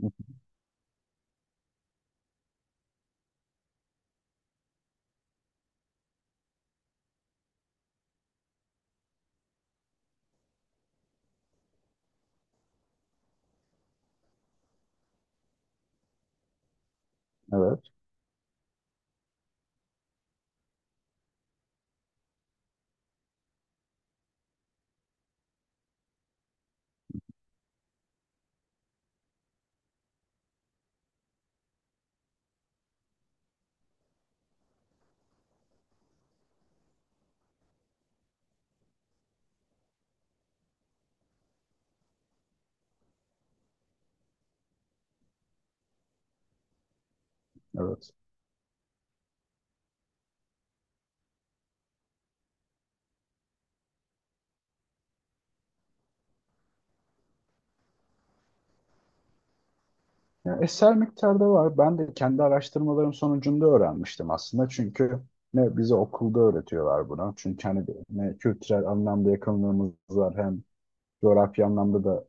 Hı hı. Evet, evet. Yani eser miktarda var. Ben de kendi araştırmalarım sonucunda öğrenmiştim aslında. Çünkü ne bize okulda öğretiyorlar bunu. Çünkü hani ne kültürel anlamda yakınlığımız var hem coğrafya anlamda da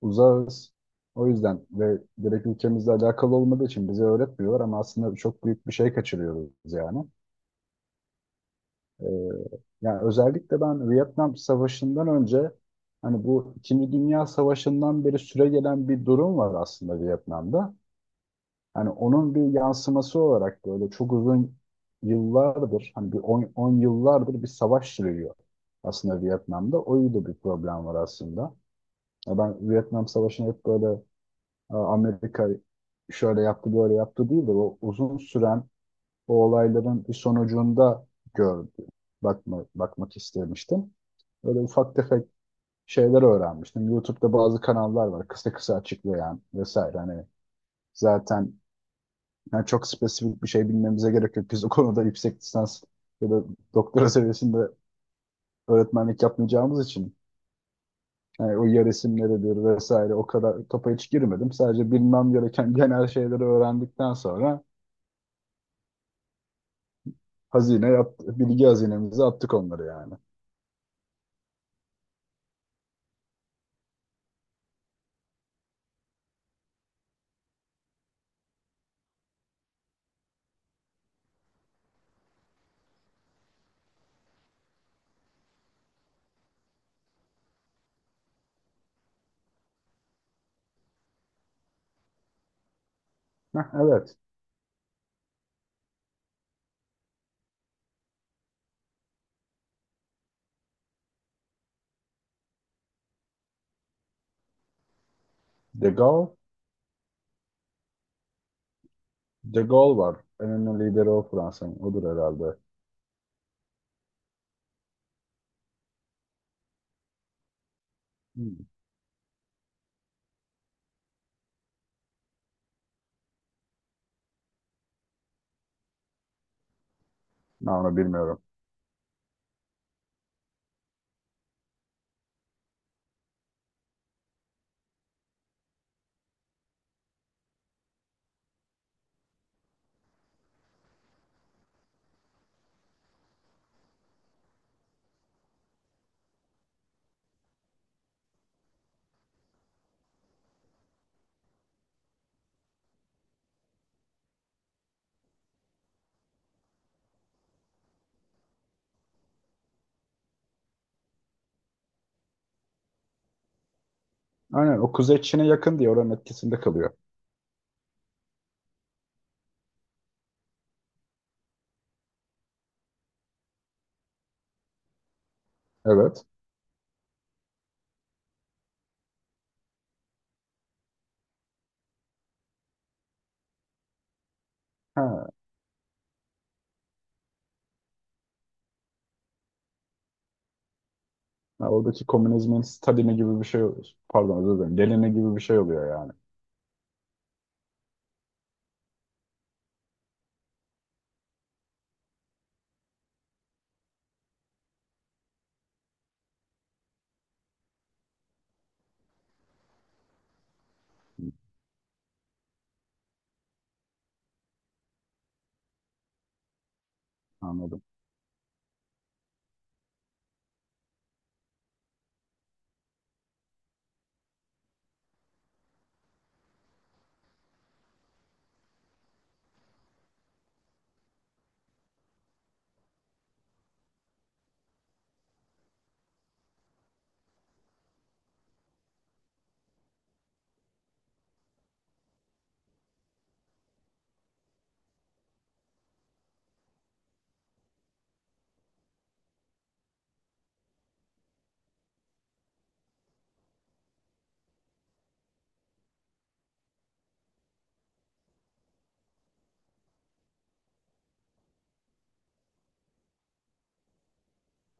uzağız. O yüzden ve direkt ülkemizle alakalı olmadığı için bize öğretmiyorlar ama aslında çok büyük bir şey kaçırıyoruz yani. Ee, Yani özellikle ben Vietnam Savaşı'ndan önce hani bu İkinci Dünya Savaşı'ndan beri süre gelen bir durum var aslında Vietnam'da. Hani onun bir yansıması olarak böyle çok uzun yıllardır, hani bir 10 yıllardır bir savaş sürüyor aslında Vietnam'da. O da bir problem var aslında. Ya ben Vietnam Savaşı'nı hep böyle "Aa, Amerika şöyle yaptı böyle yaptı" değil de o uzun süren o olayların bir sonucunda gördüm. Bakmak istemiştim. Böyle ufak tefek şeyler öğrenmiştim. YouTube'da bazı kanallar var kısa kısa açıklayan vesaire. Hani zaten yani çok spesifik bir şey bilmemize gerek yok. Biz o konuda yüksek lisans ya da doktora seviyesinde öğretmenlik yapmayacağımız için yani o yer isimleridir vesaire o kadar topa hiç girmedim. Sadece bilmem gereken genel şeyleri öğrendikten sonra hazine yaptı, bilgi hazinemize attık onları yani. Heh, evet. De Gaulle, De Gaulle var. En önemli lideri o Fransa'nın. Odur herhalde. Hmm. Ben onu bilmiyorum. Aynen, o Kuzey Çin'e yakın diye oranın etkisinde kalıyor. Evet. Ha. Ya oradaki komünizmin stadyumu gibi bir şey oluyor. Pardon, özür dilerim. Gelini gibi bir şey oluyor yani. Hı. Anladım.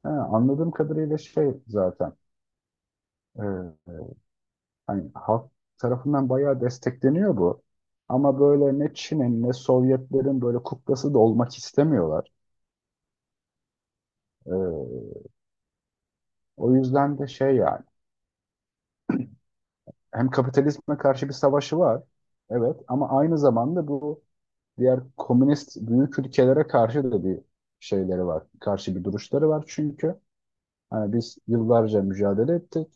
He, anladığım kadarıyla şey zaten e, e, hani halk tarafından bayağı destekleniyor bu. Ama böyle ne Çin'in ne Sovyetlerin böyle kuklası da olmak istemiyorlar. E, O yüzden de şey yani hem kapitalizme karşı bir savaşı var. Evet, ama aynı zamanda bu diğer komünist büyük ülkelere karşı da bir şeyleri var. Karşı bir duruşları var çünkü. Hani biz yıllarca mücadele ettik.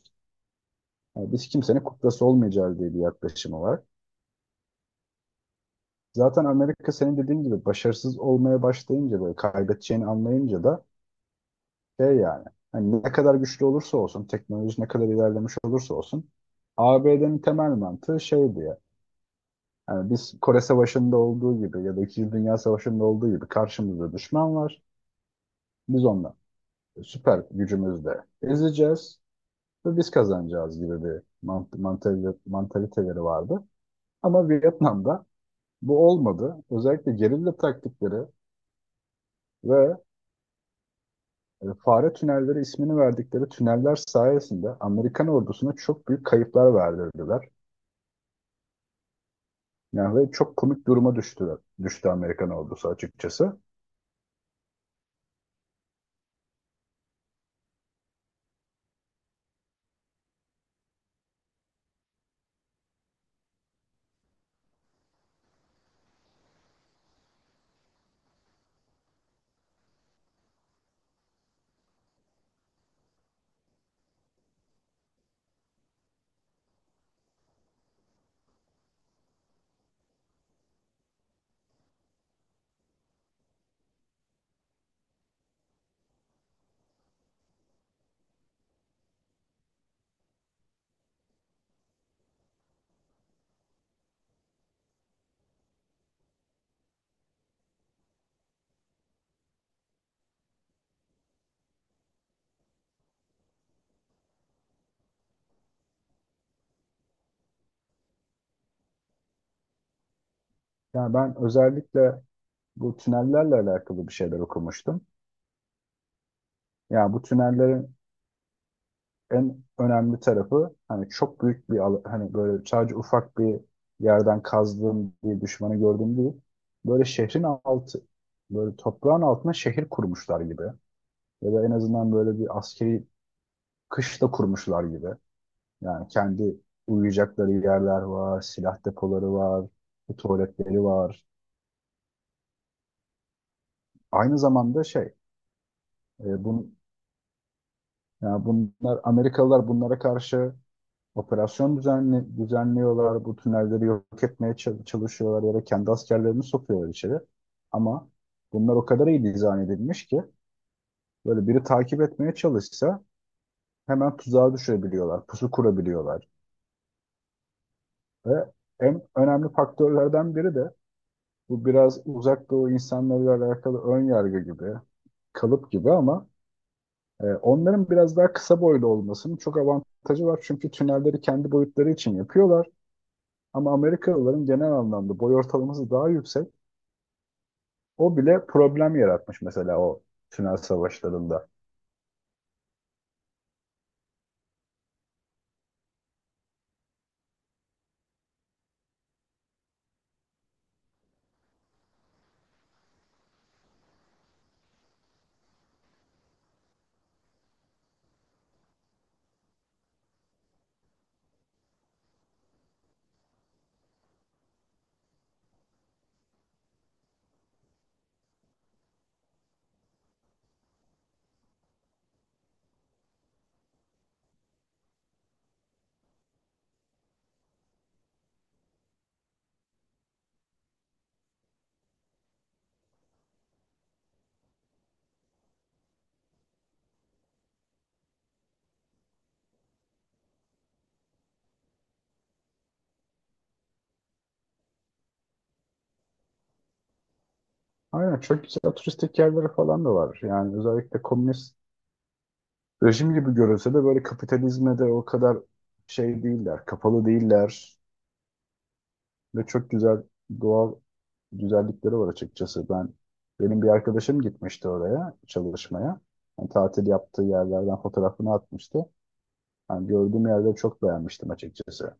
Hani biz kimsenin kuklası olmayacağız diye bir yaklaşımı var. Zaten Amerika senin dediğin gibi başarısız olmaya başlayınca, böyle kaybedeceğini anlayınca da şey yani hani ne kadar güçlü olursa olsun, teknoloji ne kadar ilerlemiş olursa olsun ABD'nin temel mantığı şeydi ya. Yani biz Kore Savaşı'nda olduğu gibi ya da İkinci Dünya Savaşı'nda olduğu gibi karşımızda düşman var. Biz onunla süper gücümüzle ezeceğiz ve biz kazanacağız gibi bir mantaliteleri vardı. Ama Vietnam'da bu olmadı. Özellikle gerilla taktikleri ve fare tünelleri ismini verdikleri tüneller sayesinde Amerikan ordusuna çok büyük kayıplar verdirdiler. Yani ve çok komik duruma düştüler. Düştü Amerikan ordusu açıkçası. Yani ben özellikle bu tünellerle alakalı bir şeyler okumuştum. Yani bu tünellerin en önemli tarafı hani çok büyük hani böyle sadece ufak bir yerden kazdığım bir düşmanı gördüğüm değil. Böyle şehrin altı, böyle toprağın altına şehir kurmuşlar gibi. Ya da en azından böyle bir askeri kışla kurmuşlar gibi. Yani kendi uyuyacakları yerler var, silah depoları var, tuvaletleri var. Aynı zamanda şey, e, bun, yani bunlar, Amerikalılar bunlara karşı operasyon düzenliyorlar, bu tünelleri yok etmeye çalışıyorlar ya da kendi askerlerini sokuyorlar içeri. Ama bunlar o kadar iyi dizayn edilmiş ki böyle biri takip etmeye çalışsa hemen tuzağa düşebiliyorlar, pusu kurabiliyorlar. Ve en önemli faktörlerden biri de bu biraz uzak doğu insanlarıyla alakalı ön yargı gibi, kalıp gibi ama onların biraz daha kısa boylu olmasının çok avantajı var. Çünkü tünelleri kendi boyutları için yapıyorlar. Ama Amerikalıların genel anlamda boy ortalaması daha yüksek. O bile problem yaratmış mesela o tünel savaşlarında. Aynen, çok güzel turistik yerleri falan da var. Yani özellikle komünist rejim gibi görülse de böyle kapitalizme de o kadar şey değiller, kapalı değiller ve çok güzel doğal güzellikleri var açıkçası. Benim bir arkadaşım gitmişti oraya çalışmaya. Yani tatil yaptığı yerlerden fotoğrafını atmıştı. Yani gördüğüm yerde çok beğenmiştim açıkçası.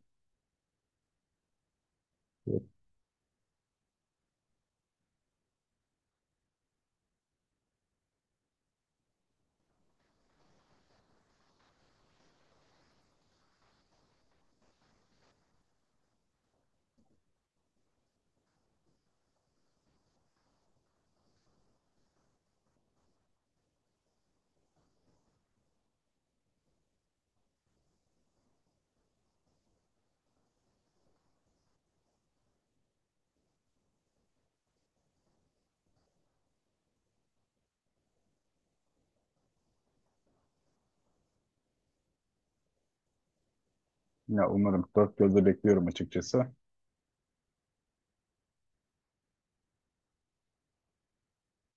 Ya umarım. Dört gözle bekliyorum açıkçası.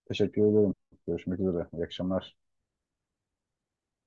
Teşekkür ederim. Görüşmek üzere. İyi akşamlar.